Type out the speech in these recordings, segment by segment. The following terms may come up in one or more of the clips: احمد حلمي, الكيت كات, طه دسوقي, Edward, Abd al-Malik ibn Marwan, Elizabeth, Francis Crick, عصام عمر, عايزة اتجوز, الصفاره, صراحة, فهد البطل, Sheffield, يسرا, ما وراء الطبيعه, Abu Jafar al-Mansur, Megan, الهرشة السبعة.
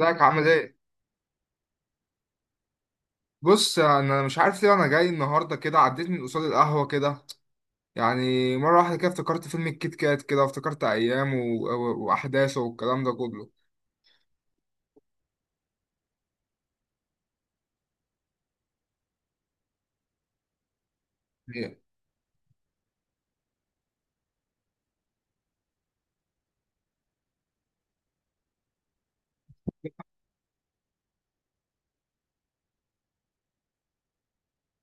ازيك عامل ايه؟ بص، انا مش عارف ليه انا جاي النهارده كده. عديت من قصاد القهوه كده، يعني مره واحده كده افتكرت فيلم الكيت كات كده، وافتكرت ايام واحداثه والكلام ده كله.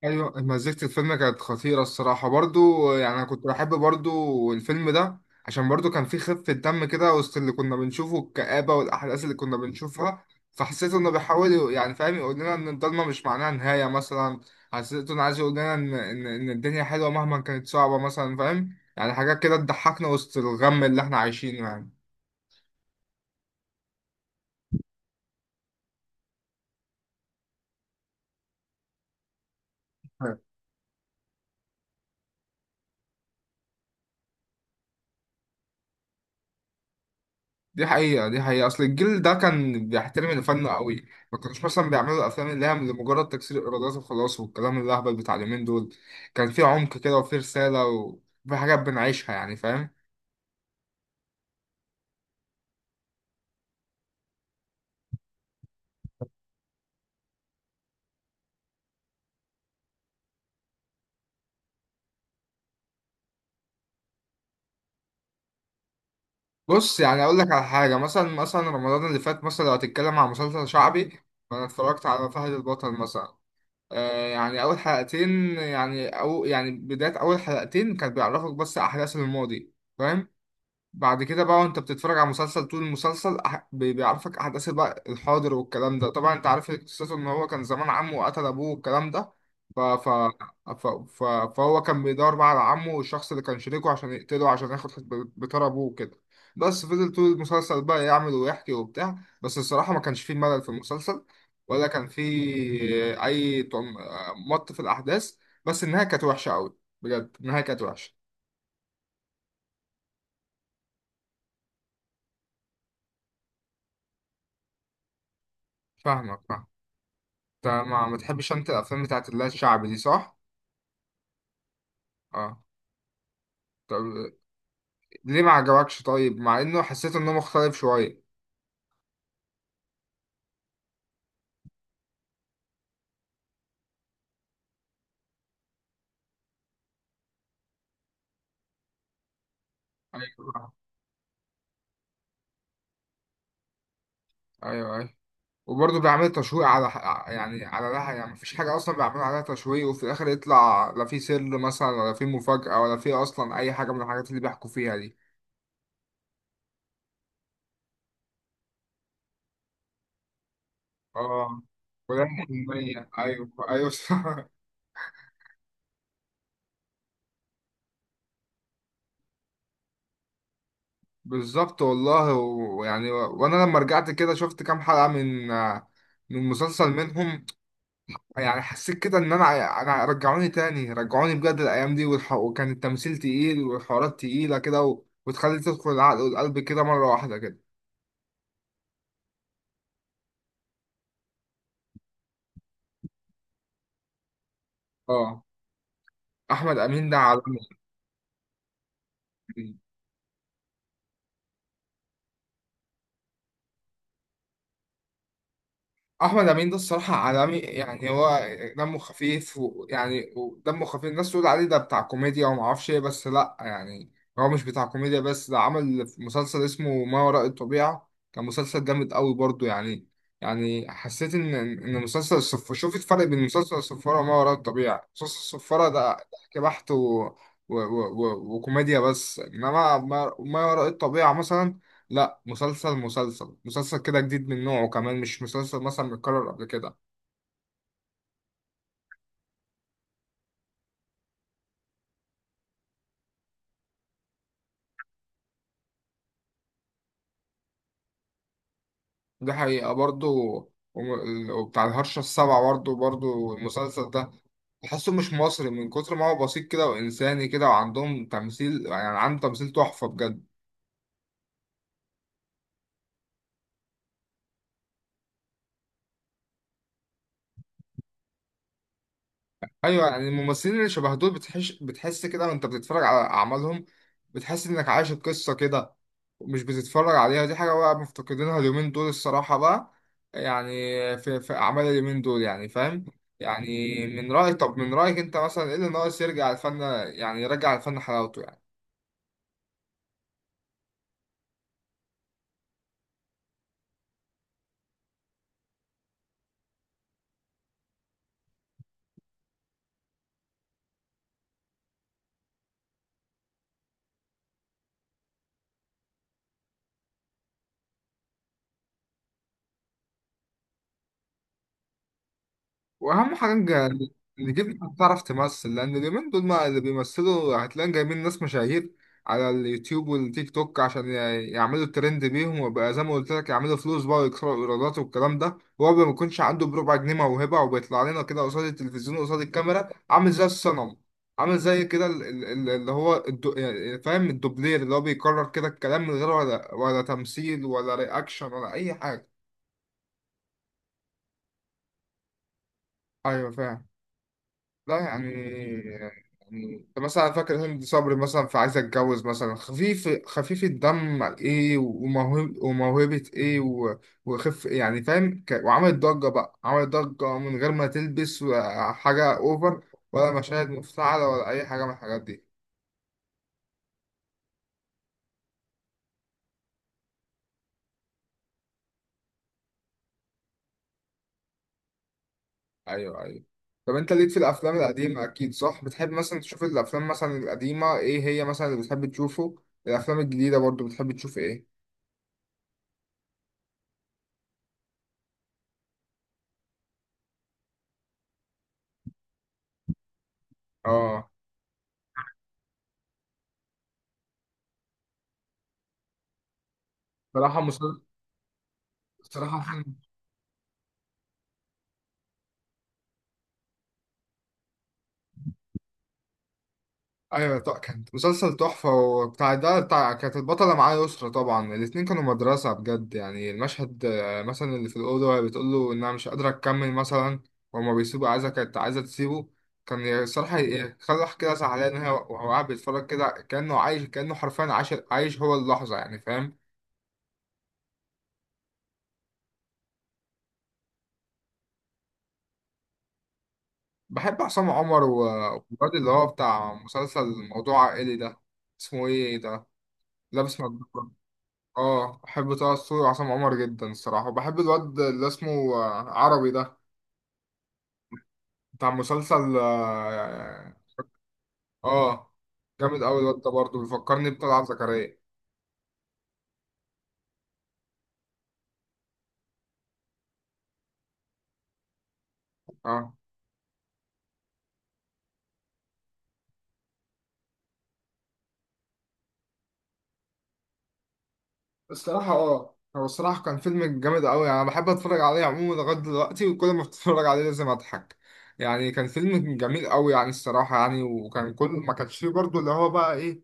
ايوه، مزيكة الفيلم كانت خطيرة الصراحة، برضو يعني انا كنت بحب برضو الفيلم ده، عشان برضو كان فيه خفة دم كده وسط اللي كنا بنشوفه الكآبة والاحداث اللي كنا بنشوفها. فحسيت انه بيحاول يعني فاهم، يقول لنا ان الضلمة مش معناها نهاية مثلا. حسيت انه عايز يقول لنا ان ان إن الدنيا حلوة مهما كانت صعبة مثلا، فاهم؟ يعني حاجات كده تضحكنا وسط الغم اللي احنا عايشينه يعني. دي حقيقة، دي حقيقة. أصل الجيل ده كان بيحترم الفن قوي، ما كانوش مثلا بيعملوا الأفلام اللي هي لمجرد تكسير الإيرادات وخلاص والكلام الأهبل بتاع اليومين دول. كان في عمق كده، وفي رسالة، وفي حاجات بنعيشها يعني، فاهم؟ بص يعني أقول لك على حاجة. مثلا مثلا رمضان اللي فات مثلا، لو هتتكلم عن مسلسل شعبي، فأنا اتفرجت على فهد البطل مثلا. آه يعني أول حلقتين، يعني أو يعني بداية أول حلقتين، كانت بيعرفك بس أحداث الماضي، فاهم؟ بعد كده بقى وانت بتتفرج على مسلسل، طول المسلسل بيعرفك احداث بقى الحاضر والكلام ده. طبعا انت عارف قصته ان هو كان زمان عمه وقتل ابوه والكلام ده. ف... ف... فهو كان بيدور بقى على عمه والشخص اللي كان شريكه عشان يقتله، عشان ياخد بتاع ابوه وكده. بس فضل طول المسلسل بقى يعمل ويحكي وبتاع، بس الصراحة ما كانش فيه ملل في المسلسل، ولا كان فيه اي مط في الاحداث. بس النهاية كانت وحشة قوي بجد، النهاية كانت وحشة. فاهمك، فاهمك. انت ما تحبش انت الافلام بتاعت اللي هي الشعبي دي، صح؟ اه. طب ليه ما عجبكش طيب، مع انه حسيت انه مختلف شويه؟ ايوه ايوه ايوه. وبرضه بيعمل تشويق على، يعني على لها، يعني مفيش حاجه اصلا بيعملوا عليها تشويق، وفي الاخر يطلع لا في سر مثلا، ولا في مفاجاه، ولا في اصلا اي حاجه من الحاجات اللي بيحكوا فيها دي. اه، ولا المية، ايوه ايوه بالظبط والله. ويعني وانا لما رجعت كده شفت كام حلقه من من مسلسل منهم، يعني حسيت كده ان انا رجعوني تاني، رجعوني بجد الايام دي وكان التمثيل تقيل والحوارات تقيله كده، وتخلي تدخل العقل والقلب كده مره واحده كده. اه. احمد امين ده عالمي. احمد امين ده الصراحه عالمي، يعني هو دمه خفيف، ويعني ودمه خفيف. الناس تقول عليه ده بتاع كوميديا وما اعرفش ايه، بس لا يعني، هو مش بتاع كوميديا بس. ده عمل مسلسل اسمه ما وراء الطبيعه، كان مسلسل جامد قوي برضو يعني. يعني حسيت ان مسلسل الصف شوف الفرق بين مسلسل الصفاره وما وراء الطبيعه. مسلسل الصفاره ده ضحك بحت و... و... وكوميديا بس، انما ما وراء الطبيعه مثلا، لا، مسلسل كده جديد من نوعه، كمان مش مسلسل مثلا متكرر قبل كده. دي حقيقة برضو. وبتاع الهرشة السبعة برضو، برضو المسلسل ده تحسه مش مصري من كتر ما هو بسيط كده وإنساني كده، وعندهم تمثيل، يعني عنده تمثيل تحفة بجد. ايوه يعني الممثلين اللي شبه دول بتحس كده وانت بتتفرج على اعمالهم، بتحس انك عايش القصه كده، مش بتتفرج عليها. دي حاجه بقى مفتقدينها اليومين دول الصراحه بقى، يعني في اعمال اليومين دول، يعني فاهم؟ يعني من رايك، طب من رايك انت مثلا ايه اللي ناقص يرجع الفن، يعني يرجع الفن حلاوته، يعني؟ واهم حاجه اللي جيب تعرف تمثل. لان اليومين دول ما اللي بيمثلوا، هتلاقي جايبين ناس مشاهير على اليوتيوب والتيك توك عشان يعملوا الترند بيهم، وبقى زي ما قلت لك يعملوا فلوس بقى ويكسروا الايرادات والكلام ده. هو ما بيكونش عنده بربع جنيه موهبه، وبيطلع لنا كده قصاد التلفزيون، قصاد الكاميرا، عامل زي الصنم، عامل زي كده اللي هو يعني فاهم، الدوبلير، اللي هو بيكرر كده الكلام من غير ولا تمثيل ولا رياكشن ولا اي حاجه. ايوه فاهم. لا يعني، يعني انت مثلا فاكر هند صبري مثلا في عايزة اتجوز مثلا؟ خفيف خفيف الدم ايه، وموهبة ايه، وخف يعني فاهم وعملت ضجة بقى، عملت ضجة من غير ما تلبس حاجة اوفر، ولا مشاهد مفتعلة، ولا اي حاجة من الحاجات دي. ايوه ايوه. طب انت ليك في الافلام القديمة اكيد، صح؟ بتحب مثلا تشوف الافلام مثلا القديمة، ايه هي مثلا اللي بتحب تشوفه؟ الافلام الجديدة برضو، بتحب تشوف ايه؟ اه. صراحة مسلسل. صراحة. ايوه طبعا كانت مسلسل تحفه وبتاع ده بتاع، كانت البطله معاه يسرا. طبعا الاتنين كانوا مدرسه بجد، يعني المشهد مثلا اللي في الاوضه وهي بتقول له انها مش قادره تكمل مثلا، وهما بيسيبوا، عايزه كانت عايزه تسيبه. كان الصراحه يخلي واحد كده زعلان، وهو قاعد بيتفرج كده كانه عايش، كانه حرفيا عايش هو اللحظه، يعني فاهم؟ بحب عصام عمر والواد اللي هو بتاع مسلسل موضوع عائلي ده، اسمه ايه ده؟ لابس مجنون. اه بحب طه دسوقي وعصام عمر جدا الصراحة. وبحب الواد اللي اسمه عربي ده، بتاع مسلسل اه. آه، آه، جامد أوي الواد ده برضه، بيفكرني بطلعت زكريا. اه. الصراحة اه، هو الصراحة كان فيلم جامد أوي يعني. أنا بحب أتفرج عليه عموما لغاية دلوقتي، وكل ما أتفرج عليه لازم أضحك. يعني كان فيلم جميل أوي يعني الصراحة يعني. وكان كل ما كانش فيه برضه اللي هو بقى إيه،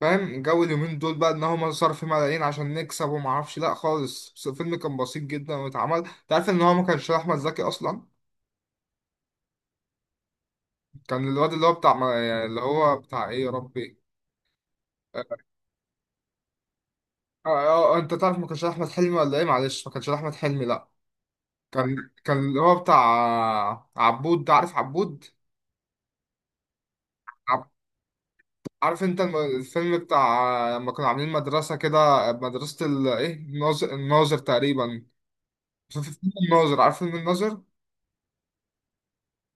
فاهم جو اليومين دول بقى، ان هم صرفوا ملايين عشان نكسب وما اعرفش، لا خالص. بس الفيلم كان بسيط جدا، واتعمل. انت عارف ان هو ما كانش احمد زكي اصلا، كان الواد اللي هو بتاع يعني اللي هو بتاع ايه يا ربي. اه. اه انت تعرف ما كانش احمد حلمي ولا ايه؟ معلش، ما كانش احمد حلمي لا. كان اللي هو بتاع عبود ده، عارف عبود؟ عب... عارف انت الفيلم بتاع لما كانوا عاملين مدرسة كده، مدرسة ايه الناظر تقريبا، في فيلم الناظر، عارف فيلم الناظر؟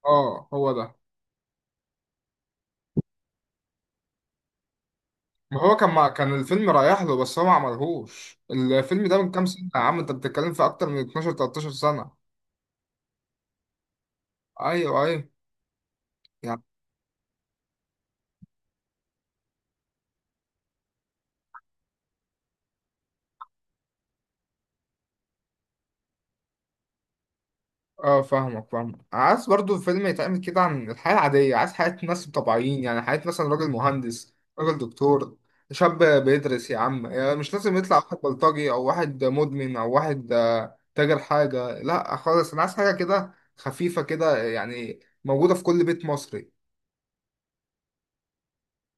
اه هو ده. ما هو كان كان الفيلم رايح له، بس هو ما عملهوش. الفيلم ده من كام سنة يا عم، انت بتتكلم في اكتر من 12 13 سنة. ايوه ايوه يعني. اه، فاهمك فاهمك. عايز برضو فيلم يتعمل كده عن الحياة العادية، عايز حياة ناس طبيعيين، يعني حياة مثلا راجل مهندس، راجل دكتور، شاب بيدرس يا عم. يعني مش لازم يطلع واحد بلطجي، او واحد مدمن، او واحد تاجر حاجة. لا خالص، انا عايز حاجة كده خفيفة كده، يعني موجودة في كل بيت مصري،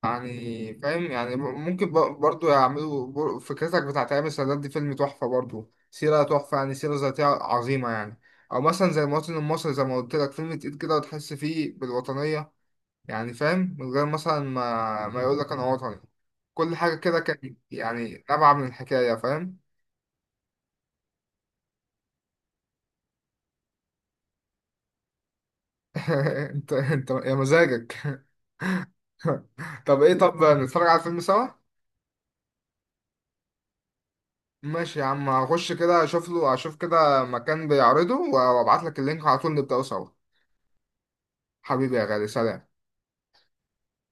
يعني فاهم؟ يعني ممكن برضو يعملوا فكرتك بتاعت ايام السادات دي فيلم تحفة برضو، سيرة تحفة يعني، سيرة ذاتية عظيمة يعني. او مثلا زي المواطن المصري زي ما قلت لك، فيلم تقيل كده وتحس فيه بالوطنية، يعني فاهم؟ من غير مثلا ما يقول لك انا وطني. كل حاجة كده كان يعني نابعة من الحكاية، فاهم؟ انت يا مزاجك طب ايه، طب نتفرج على الفيلم سوا؟ ماشي يا عم، هخش كده اشوف له، اشوف كده مكان بيعرضه وابعت لك اللينك على طول، نبدأه سوا. حبيبي يا غالي، سلام.